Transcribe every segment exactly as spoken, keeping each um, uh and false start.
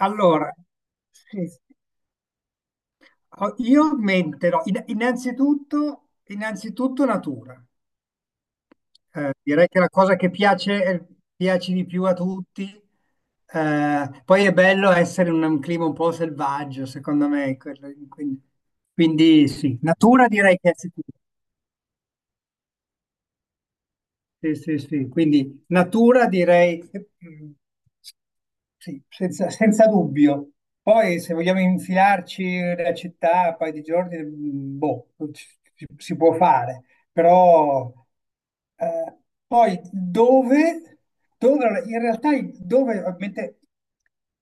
Allora, sì, sì. ho- io menterò. In- Innanzitutto, innanzitutto natura. Eh, direi che la cosa che piace, piace di più a tutti. Eh, poi è bello essere in un clima un po' selvaggio, secondo me. quello- quindi, quindi sì, natura direi che è sicuro. Sì, sì, sì. Quindi natura direi. Sì, senza, senza dubbio. Poi se vogliamo infilarci la città, un paio di giorni, mh, boh, ci- ci- si può fare. Però eh, poi dove, dove, allora, in realtà i- dove ovviamente,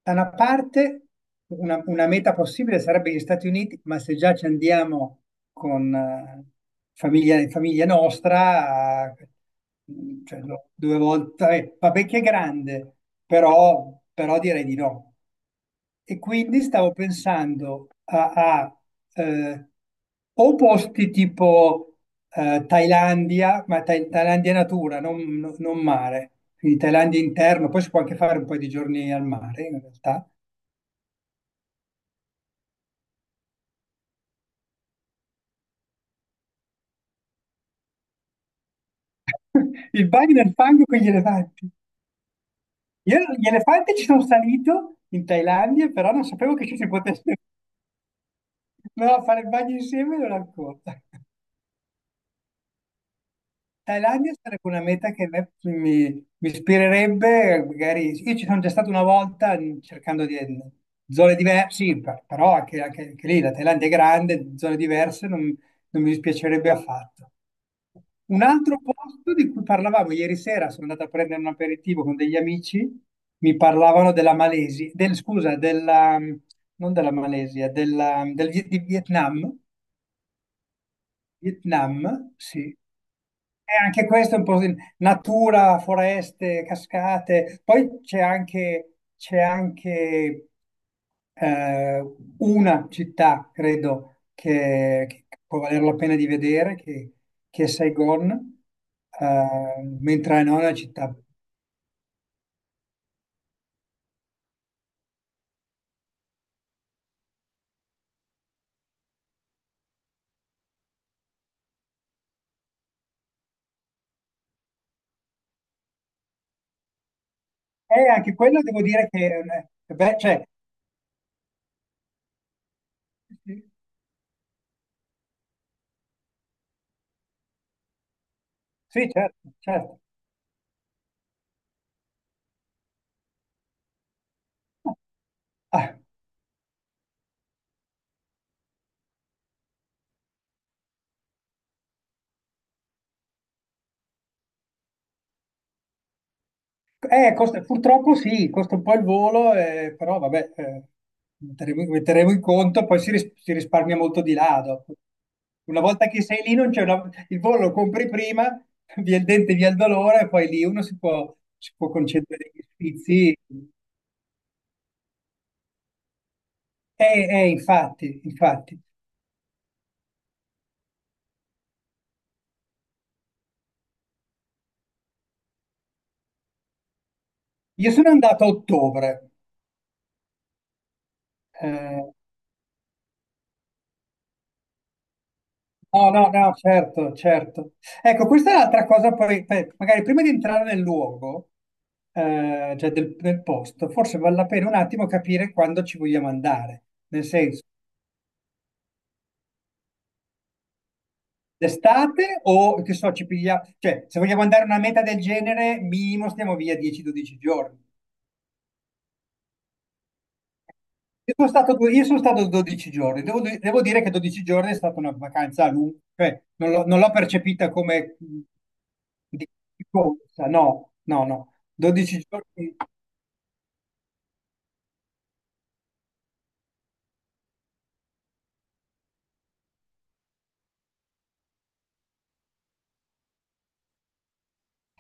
da una parte, una, una meta possibile sarebbe gli Stati Uniti, ma se già ci andiamo con eh, famiglia, famiglia nostra, eh, cioè, no, due volte, eh, vabbè che è grande, però, però direi di no. E quindi stavo pensando a, a, eh, o posti tipo eh, Thailandia, ma Tha- Thailandia natura, non, non- non mare, quindi Thailandia interno, poi si può anche fare un po' di giorni al mare in realtà. Il bagno nel fango con gli elefanti. Io gli elefanti ci sono salito in Thailandia, però non sapevo che ci si potesse. No, fare il bagno insieme non ancora. Thailandia sarebbe una meta che a me mi, mi ispirerebbe, magari io ci sono già stato una volta, mh, cercando di, mm, zone diverse, sì, per- però anche, anche- anche lì la Thailandia è grande, zone diverse, non, non mi dispiacerebbe affatto. Un altro posto di cui parlavamo ieri sera, sono andato a prendere un aperitivo con degli amici, mi parlavano della Malesia, del, scusa, della, mm, non della Malesia, della, mm, del Vi- di Vietnam, Vietnam, sì. Eh, anche questo è un po' di natura, foreste, cascate. Poi c'è anche, c'è anche eh, una città, credo, che, che può valere la pena di vedere, che, che è Saigon, eh, mentre non è una città. E anche quello devo dire che... eh, beh, cioè, sì, sì, certo, certo. Eh, costa- purtroppo sì, costa un po' il volo, eh, però vabbè, eh, metteremo, metteremo in conto, poi si, ris- si risparmia molto di là, dopo. Una volta che sei lì, non c'è una- il volo lo compri prima. Via il dente, via il dolore, e poi lì uno si può, si può concedere gli sfizi. Eh, eh, infatti, infatti. Io sono andato a ottobre, eh, no, no, no, certo, certo. Ecco, questa è l'altra cosa, poi, eh, magari prima di entrare nel luogo, eh, cioè del, del posto, forse vale la pena un attimo capire quando ci vogliamo andare. Nel senso, d'estate o che so, ci pigliamo, cioè, se vogliamo andare a una meta del genere, minimo stiamo via dieci dodici giorni. Io sono stato, due- io sono stato dodici giorni, devo, di- devo dire che dodici giorni è stata una vacanza lunga, cioè, non l'ho non l'ho percepita come, mh, di corsa, no, no, no. dodici giorni.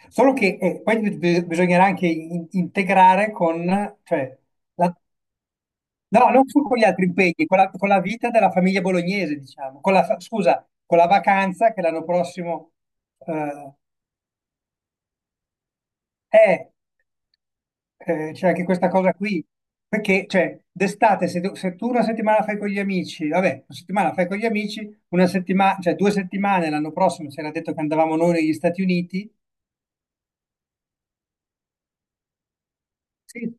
Solo che eh, poi bi- bi- bisognerà anche in- integrare con, cioè, la- no, non su- con gli altri impegni, con la, con la vita della famiglia bolognese, diciamo, con la, fa- scusa, con la vacanza che l'anno prossimo, eh, è, eh, c'è anche questa cosa qui, perché, cioè, d'estate, se, tu se tu una settimana fai con gli amici, vabbè, una settimana fai con gli amici, una settimana, cioè due settimane l'anno prossimo, si era detto che andavamo noi negli Stati Uniti, sì.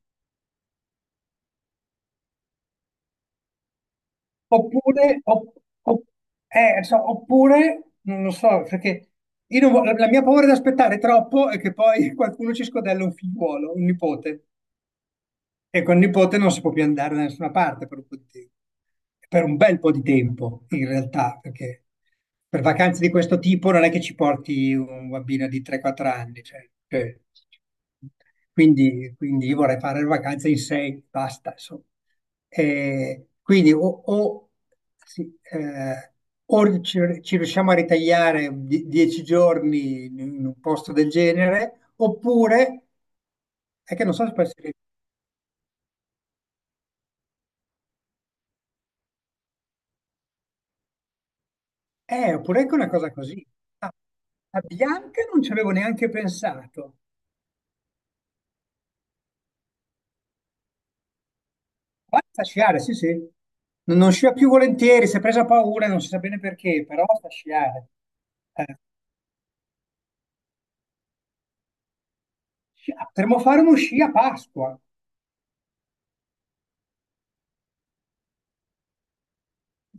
Oppure, op- op- eh, so- Oppure, non lo so, perché io non vo- la la mia paura di aspettare troppo è che poi qualcuno ci scodella un figliuolo, un nipote. E con il nipote non si può più andare da nessuna parte per un po' di tempo. Per un bel po' di tempo, in realtà, perché per vacanze di questo tipo non è che ci porti un bambino di tre quattro anni. Cioè, cioè, quindi, quindi io vorrei fare le vacanze in sei, basta, insomma. Eh, quindi o, o, sì, eh, o ci, ci riusciamo a ritagliare die- dieci giorni in un posto del genere, oppure... È che non so se può essere. Eh, oppure anche una cosa così. Ah, a Bianca non ci avevo neanche pensato. Guarda, sta a sciare, sì, sì. Non, non scia più volentieri, si è presa paura, non si sa bene perché, però sta a sciare. Eh, sci- ah, potremmo fare uno sci a Pasqua.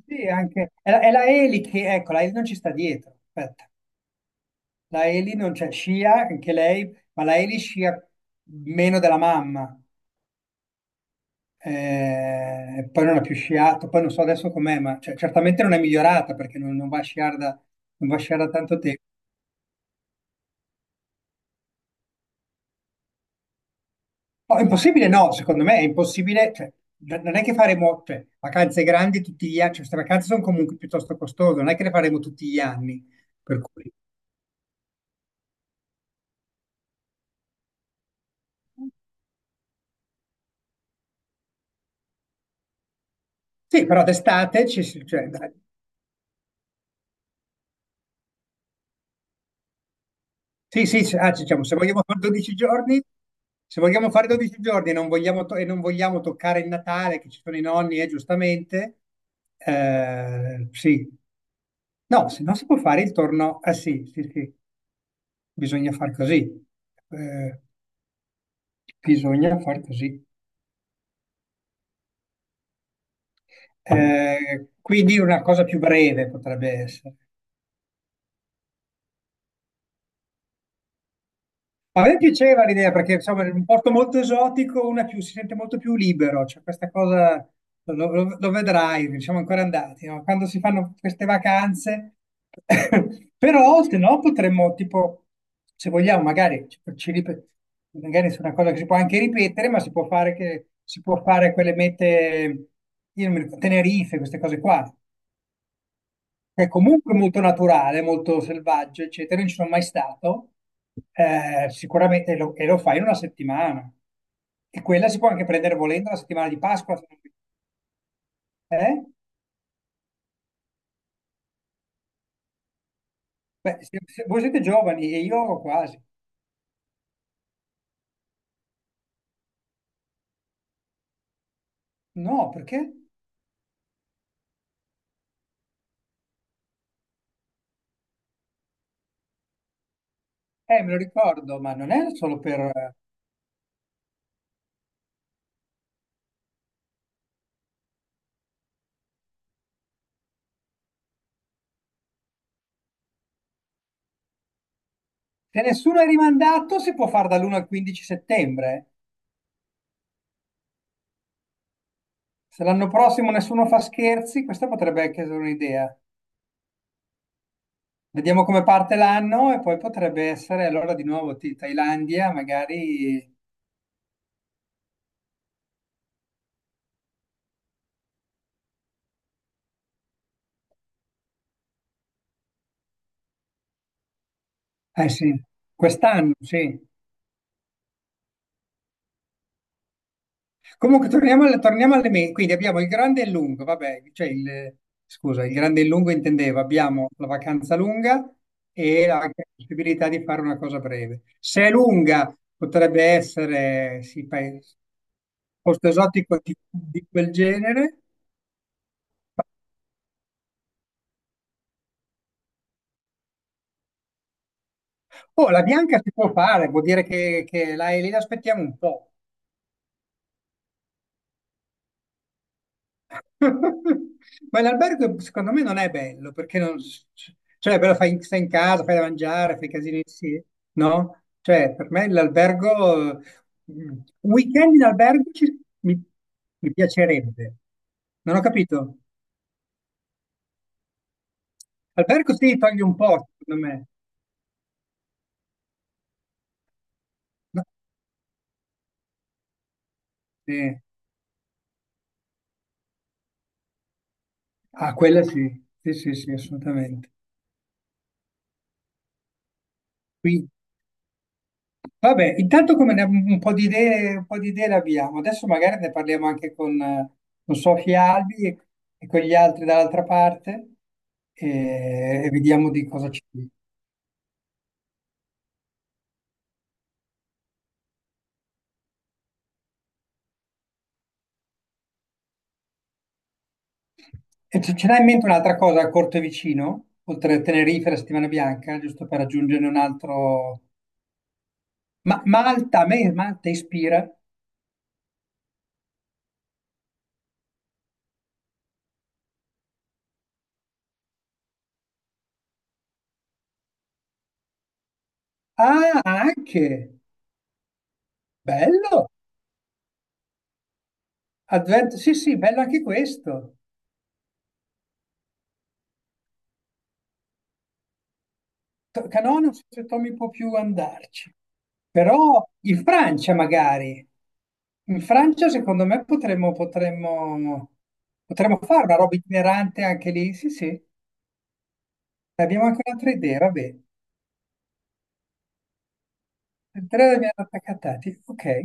Sì, anche... È la, è la Eli che... Ecco, la Eli non ci sta dietro. Aspetta. La Eli non c'è, scia anche lei, ma la Eli scia meno della mamma. Eh, poi non ha più sciato, poi non so adesso com'è, ma cioè, certamente non è migliorata perché non, non va a sciare da, non va a sciare da tanto tempo. No, è impossibile no, secondo me è impossibile, cioè, n- non è che faremo, cioè, vacanze grandi tutti gli anni, cioè, queste vacanze sono comunque piuttosto costose, non è che le faremo tutti gli anni, per cui... Sì, però d'estate ci si- cioè, dai, sì, sì, se- ah, diciamo, se vogliamo fare dodici giorni, se vogliamo fare dodici giorni e non vogliamo, to- e non vogliamo toccare il Natale, che ci sono i nonni, eh, giustamente, eh, sì. No, se no si può fare il torno, ah sì, sì, sì, bisogna far così. Eh, bisogna far così. Eh, quindi una cosa più breve potrebbe essere. A me piaceva l'idea perché insomma è un posto molto esotico, uno è più- si sente molto più libero, cioè questa cosa lo, lo- lo vedrai, non siamo ancora andati, no? Quando si fanno queste vacanze. Però se no potremmo tipo, se vogliamo magari, ci- ci ripet- magari su una cosa che si può anche ripetere, ma si può fare, che, si può fare quelle mete, io non mi ricordo, Tenerife, queste cose qua. È comunque molto naturale, molto selvaggio, eccetera. Non ci sono mai stato, eh, sicuramente, e lo, e lo fai in una settimana. E quella si può anche prendere volendo la settimana di Pasqua. Eh? Beh, se- se voi siete giovani e io quasi. No, perché? Eh, me lo ricordo, ma non è solo per... Se nessuno è rimandato, si può fare dall'uno al quindici settembre. Se l'anno prossimo nessuno fa scherzi, questa potrebbe anche essere un'idea. Vediamo come parte l'anno e poi potrebbe essere allora di nuovo Ti- Thailandia, magari. Eh sì, quest'anno, sì. Comunque torniamo alle, torniamo alle me- quindi abbiamo il grande e il lungo, vabbè, cioè il, scusa, il grande e il lungo intendevo, abbiamo la vacanza lunga e la possibilità di fare una cosa breve. Se è lunga, potrebbe essere, sì, paese, posto esotico di, di quel genere. Oh, la bianca si può fare, vuol dire che, che la, lì l'aspettiamo un po'. Ma l'albergo secondo me non è bello, perché non... Cioè, però fai, stai in casa, fai da mangiare, fai casini, sì, no? Cioè, per me l'albergo... mm, un weekend in albergo ci- mi, mi piacerebbe. Non ho capito. Albergo sì, togli un po', secondo me. No, sì. Ah, quella sì. Sì, sì, sì, assolutamente. Qui, vabbè, intanto come ne- un po' di idee, un po' di idee le abbiamo. Adesso magari ne parliamo anche con, eh, con Sofia Albi e, e con gli altri dall'altra parte e, e vediamo di cosa ci... E ce ce l'hai in mente un'altra cosa a corto e vicino, oltre a Tenerife e la Settimana Bianca, giusto per aggiungere un altro... Ma Malta, a me Malta ispira. Ah, anche! Bello! Advent... Sì, sì, bello anche questo. To- Canò non so se Tommy può più andarci, però in Francia magari. In Francia, secondo me, potremmo, potremmo, potremmo fare una roba itinerante anche lì. Sì, sì, abbiamo anche un'altra idea, va bene. Andrea abbiamo attaccati. Ok.